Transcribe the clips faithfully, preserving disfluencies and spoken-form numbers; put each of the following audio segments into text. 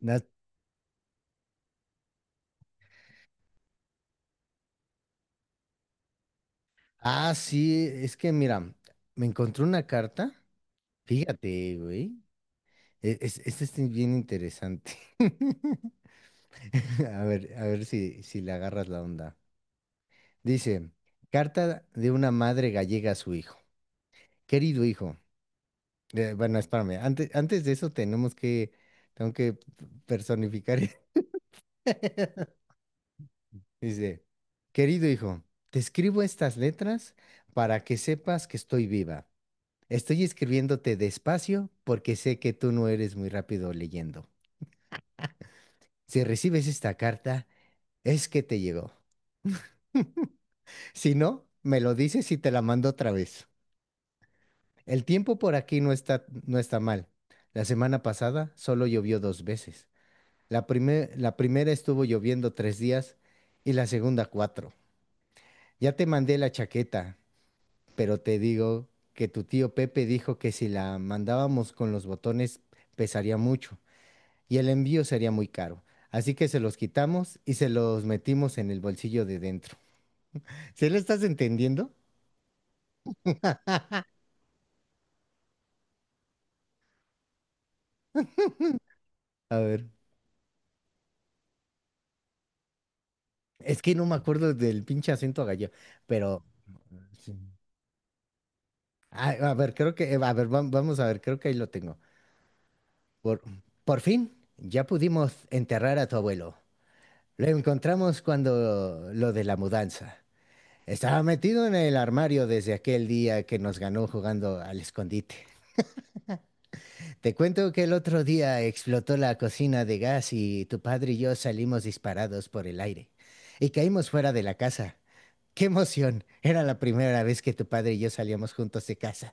Na- Ah, sí, es que mira, me encontré una carta. Fíjate, güey. e- es- Esta es bien interesante. A ver, a ver si, si le agarras la onda. Dice, carta de una madre gallega a su hijo. Querido hijo. Eh, bueno, espérame. Antes, antes de eso tenemos que, tengo que personificar. Dice, querido hijo, te escribo estas letras para que sepas que estoy viva. Estoy escribiéndote despacio porque sé que tú no eres muy rápido leyendo. Si recibes esta carta, es que te llegó. Si no, me lo dices y te la mando otra vez. El tiempo por aquí no está, no está mal. La semana pasada solo llovió dos veces. La prime- la primera estuvo lloviendo tres días y la segunda cuatro. Ya te mandé la chaqueta, pero te digo que tu tío Pepe dijo que si la mandábamos con los botones pesaría mucho. Y el envío sería muy caro. Así que se los quitamos y se los metimos en el bolsillo de dentro. ¿Se lo estás entendiendo? A ver, es que no me acuerdo del pinche acento gallo, pero sí. Ah, a ver, creo que, eh, a ver, vam- vamos a ver, creo que ahí lo tengo. Por, por fin, ya pudimos enterrar a tu abuelo. Lo encontramos cuando lo de la mudanza. Estaba metido en el armario desde aquel día que nos ganó jugando al escondite. Te cuento que el otro día explotó la cocina de gas y tu padre y yo salimos disparados por el aire y caímos fuera de la casa. ¡Qué emoción! Era la primera vez que tu padre y yo salíamos juntos de casa.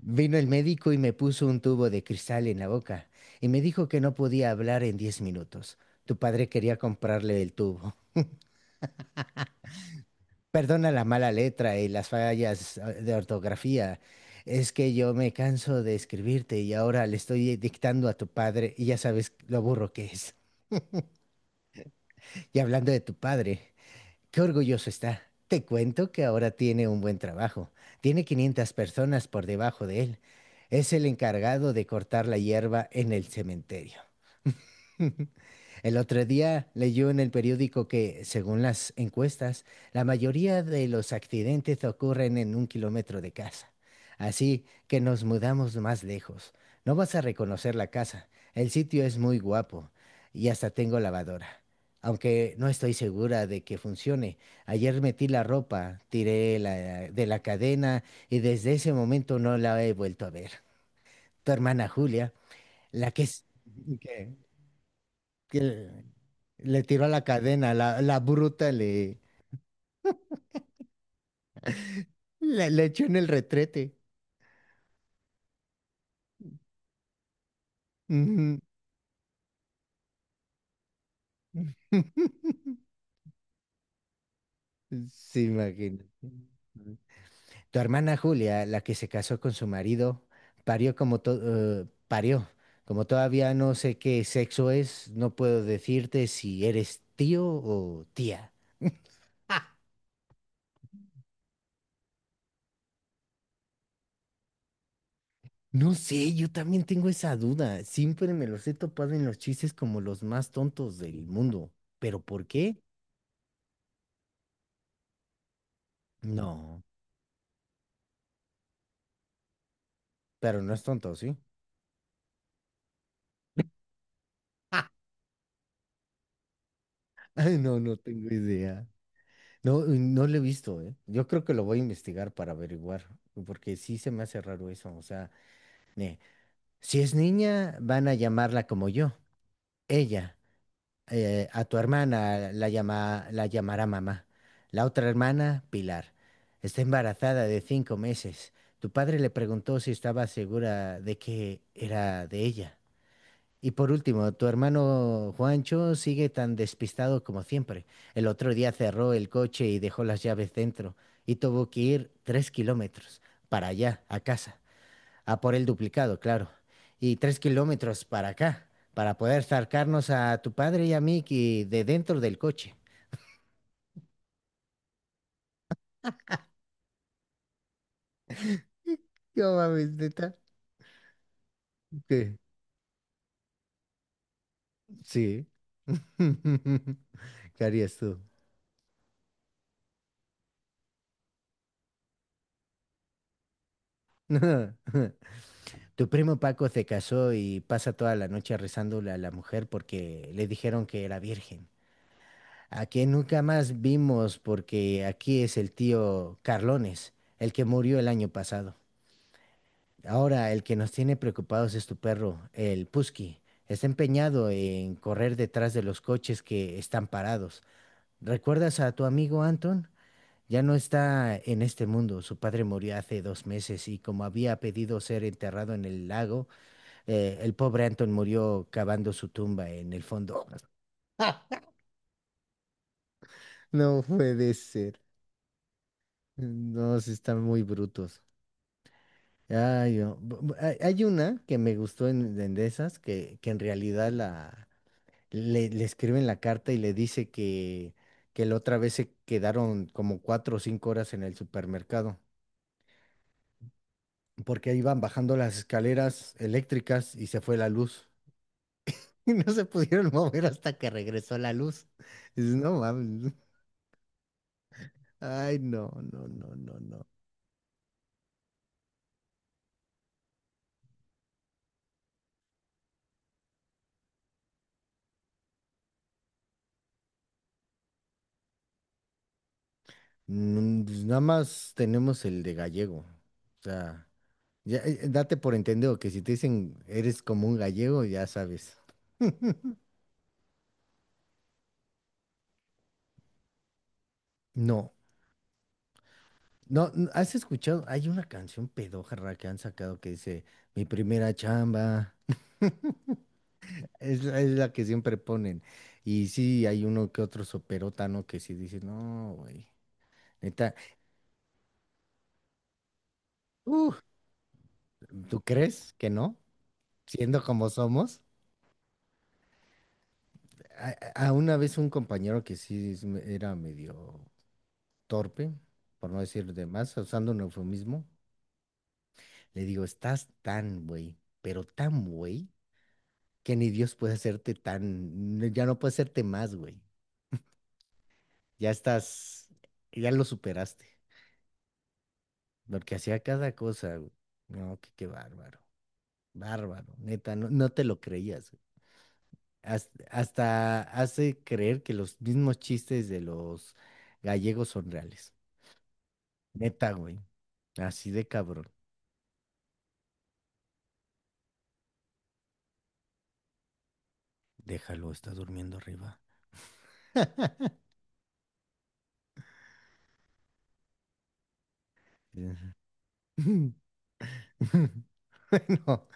Vino el médico y me puso un tubo de cristal en la boca y me dijo que no podía hablar en diez minutos. Tu padre quería comprarle el tubo. Perdona la mala letra y las fallas eh, de ortografía. Es que yo me canso de escribirte y ahora le estoy dictando a tu padre y ya sabes lo burro que es. Y hablando de tu padre, qué orgulloso está. Te cuento que ahora tiene un buen trabajo. Tiene quinientas personas por debajo de él. Es el encargado de cortar la hierba en el cementerio. El otro día leyó en el periódico que, según las encuestas, la mayoría de los accidentes ocurren en un kilómetro de casa. Así que nos mudamos más lejos. No vas a reconocer la casa. El sitio es muy guapo y hasta tengo lavadora. Aunque no estoy segura de que funcione. Ayer metí la ropa, tiré la- de la cadena y desde ese momento no la he vuelto a ver. Tu hermana Julia, la que es... que le tiró a la cadena, la, la bruta le, le, le echó en el retrete. Ujú. Sí, imagínate. Tu hermana Julia, la que se casó con su marido, parió como to- eh, parió. Como todavía no sé qué sexo es, no puedo decirte si eres tío o tía. ¡Ah! No sé, yo también tengo esa duda. Siempre me los he topado en los chistes como los más tontos del mundo. ¿Pero por qué? No. Pero no es tonto, ¿sí? Ay, no, no tengo idea. No, no lo he visto, ¿eh? Yo creo que lo voy a investigar para averiguar, porque sí se me hace raro eso. O sea, ne- si es niña, van a llamarla como yo. Ella, eh, a tu hermana la llama, la llamará mamá. La otra hermana, Pilar. Está embarazada de cinco meses. Tu padre le preguntó si estaba segura de que era de ella. Y por último, tu hermano Juancho sigue tan despistado como siempre. El otro día cerró el coche y dejó las llaves dentro y tuvo que ir tres kilómetros para allá, a casa, a por el duplicado, claro, y tres kilómetros para acá, para poder sacarnos a tu padre y a mí que- de dentro del coche. No mames, neta. ¿Qué? Sí. ¿Qué harías tú? Tu primo Paco se casó y pasa toda la noche rezándole a la mujer porque le dijeron que era virgen. A que nunca más vimos porque aquí es el tío Carlones, el que murió el año pasado. Ahora el que nos tiene preocupados es tu perro, el Pusky. Está empeñado en correr detrás de los coches que están parados. ¿Recuerdas a tu amigo Anton? Ya no está en este mundo. Su padre murió hace dos meses y como había pedido ser enterrado en el lago, eh, el pobre Anton murió cavando su tumba en el fondo. No puede ser. No, sí están muy brutos. Ay, no. Bu- bu- Hay hay una que me gustó en, en de esas, que, que en realidad la, le, le escriben la carta y le dice que, que la otra vez se quedaron como cuatro o cinco horas en el supermercado, porque iban bajando las escaleras eléctricas y se fue la luz. Y no se pudieron mover hasta que regresó la luz. Dices, no mames. Ay, no, no, no, no, no. Mm, pues nada más tenemos el de gallego. O sea, ya, eh, date por entendido que si te dicen eres como un gallego, ya sabes. No, no, n- ¿has escuchado? Hay una canción pedójarra que han sacado que dice, mi primera chamba. Es, la es la que siempre ponen. Y sí, hay uno que otro soperotano que sí dice, no, güey. Neta, uh, ¿tú crees que no? Siendo como somos. A, a una vez un compañero que sí es me- era medio torpe, por no decir de más, usando un eufemismo, le digo, estás tan güey, pero tan güey, que ni Dios puede hacerte tan, no- ya no puede hacerte más güey, ya estás, ya lo superaste, porque hacía cada cosa, güey. No, que qué bárbaro, bárbaro, neta, no, no te lo creías, güey. Has- Hasta hace creer que los mismos chistes de los gallegos son reales. Neta, güey. Así de cabrón. Déjalo, está durmiendo arriba. Ujú. Bueno,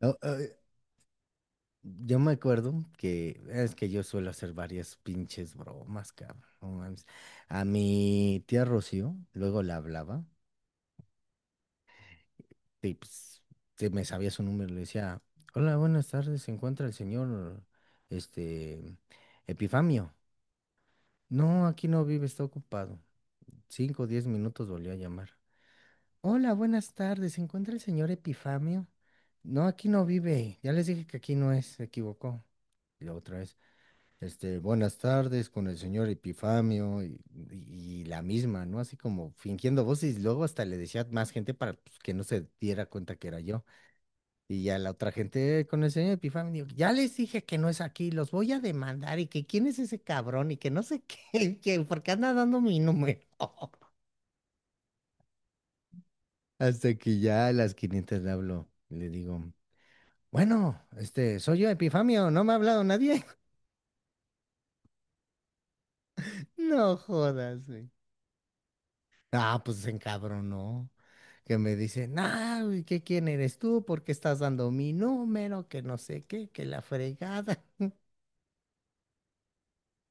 o- eh, yo me acuerdo que es que yo suelo hacer varias pinches bromas, cabrón. No mames. A mi tía Rocío, luego la hablaba, y pues se me sabía su número, le decía, hola, buenas tardes, se encuentra el señor, este, Epifamio. No, aquí no vive, está ocupado. Cinco o diez minutos volvió a llamar. Hola, buenas tardes. ¿Se encuentra el señor Epifamio? No, aquí no vive. Ya les dije que aquí no es, se equivocó. Y la otra vez, este, buenas tardes con el señor Epifamio y, y- y la misma, ¿no? Así como fingiendo voces y luego hasta le decía más gente para pues, que no se diera cuenta que era yo. Y ya la otra gente "Eh, con el señor Epifamio, ya les dije que no es aquí, los voy a demandar y que quién es ese cabrón y que no sé qué, que por qué anda dando mi número". Hasta que ya a las quinientas le hablo, le digo. Bueno, este, soy yo, Epifamio, no me ha hablado nadie. No jodas, güey. Ah, pues se encabronó. Que me dice, nah, güey, ¿qué quién eres tú? ¿Por qué estás dando mi número? Que no sé qué, que la fregada.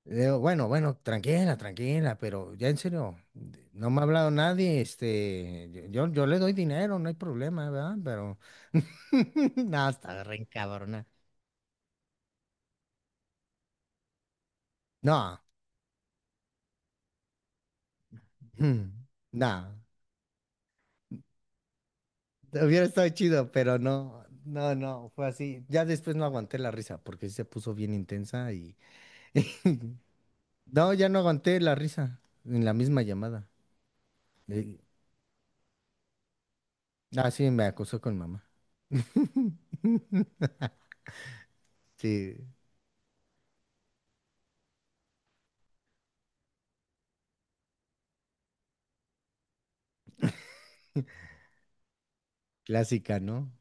Le digo, bueno, bueno, tranquila, tranquila, pero ya en serio, de- no me ha hablado nadie, este, yo, yo yo le doy dinero, no hay problema, ¿verdad? Pero, no, estaba re encabrona. No, no. Hubiera estado chido, pero no, no, no, fue así. Ya después no aguanté la risa porque sí se puso bien intensa y... No, ya no aguanté la risa en la misma llamada. Eh, ah, sí, me acosó con mamá. Sí, clásica, ¿no?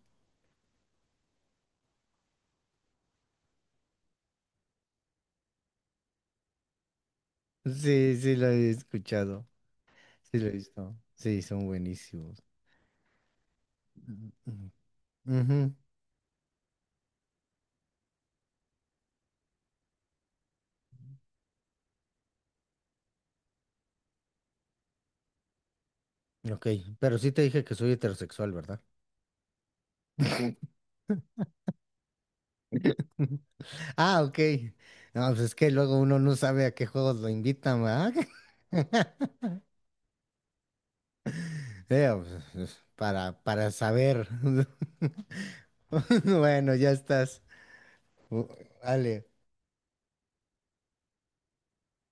Sí, sí, lo he escuchado. Sí, lo he visto. Sí, son buenísimos. Mm, mm. Ujú, ok, pero sí te dije que soy heterosexual, ¿verdad? Ah, ok. No, pues es que luego uno no sabe a qué juegos lo invitan, ¿verdad? Sí, pues, para, para saber. Bueno, ya estás. Uh, vale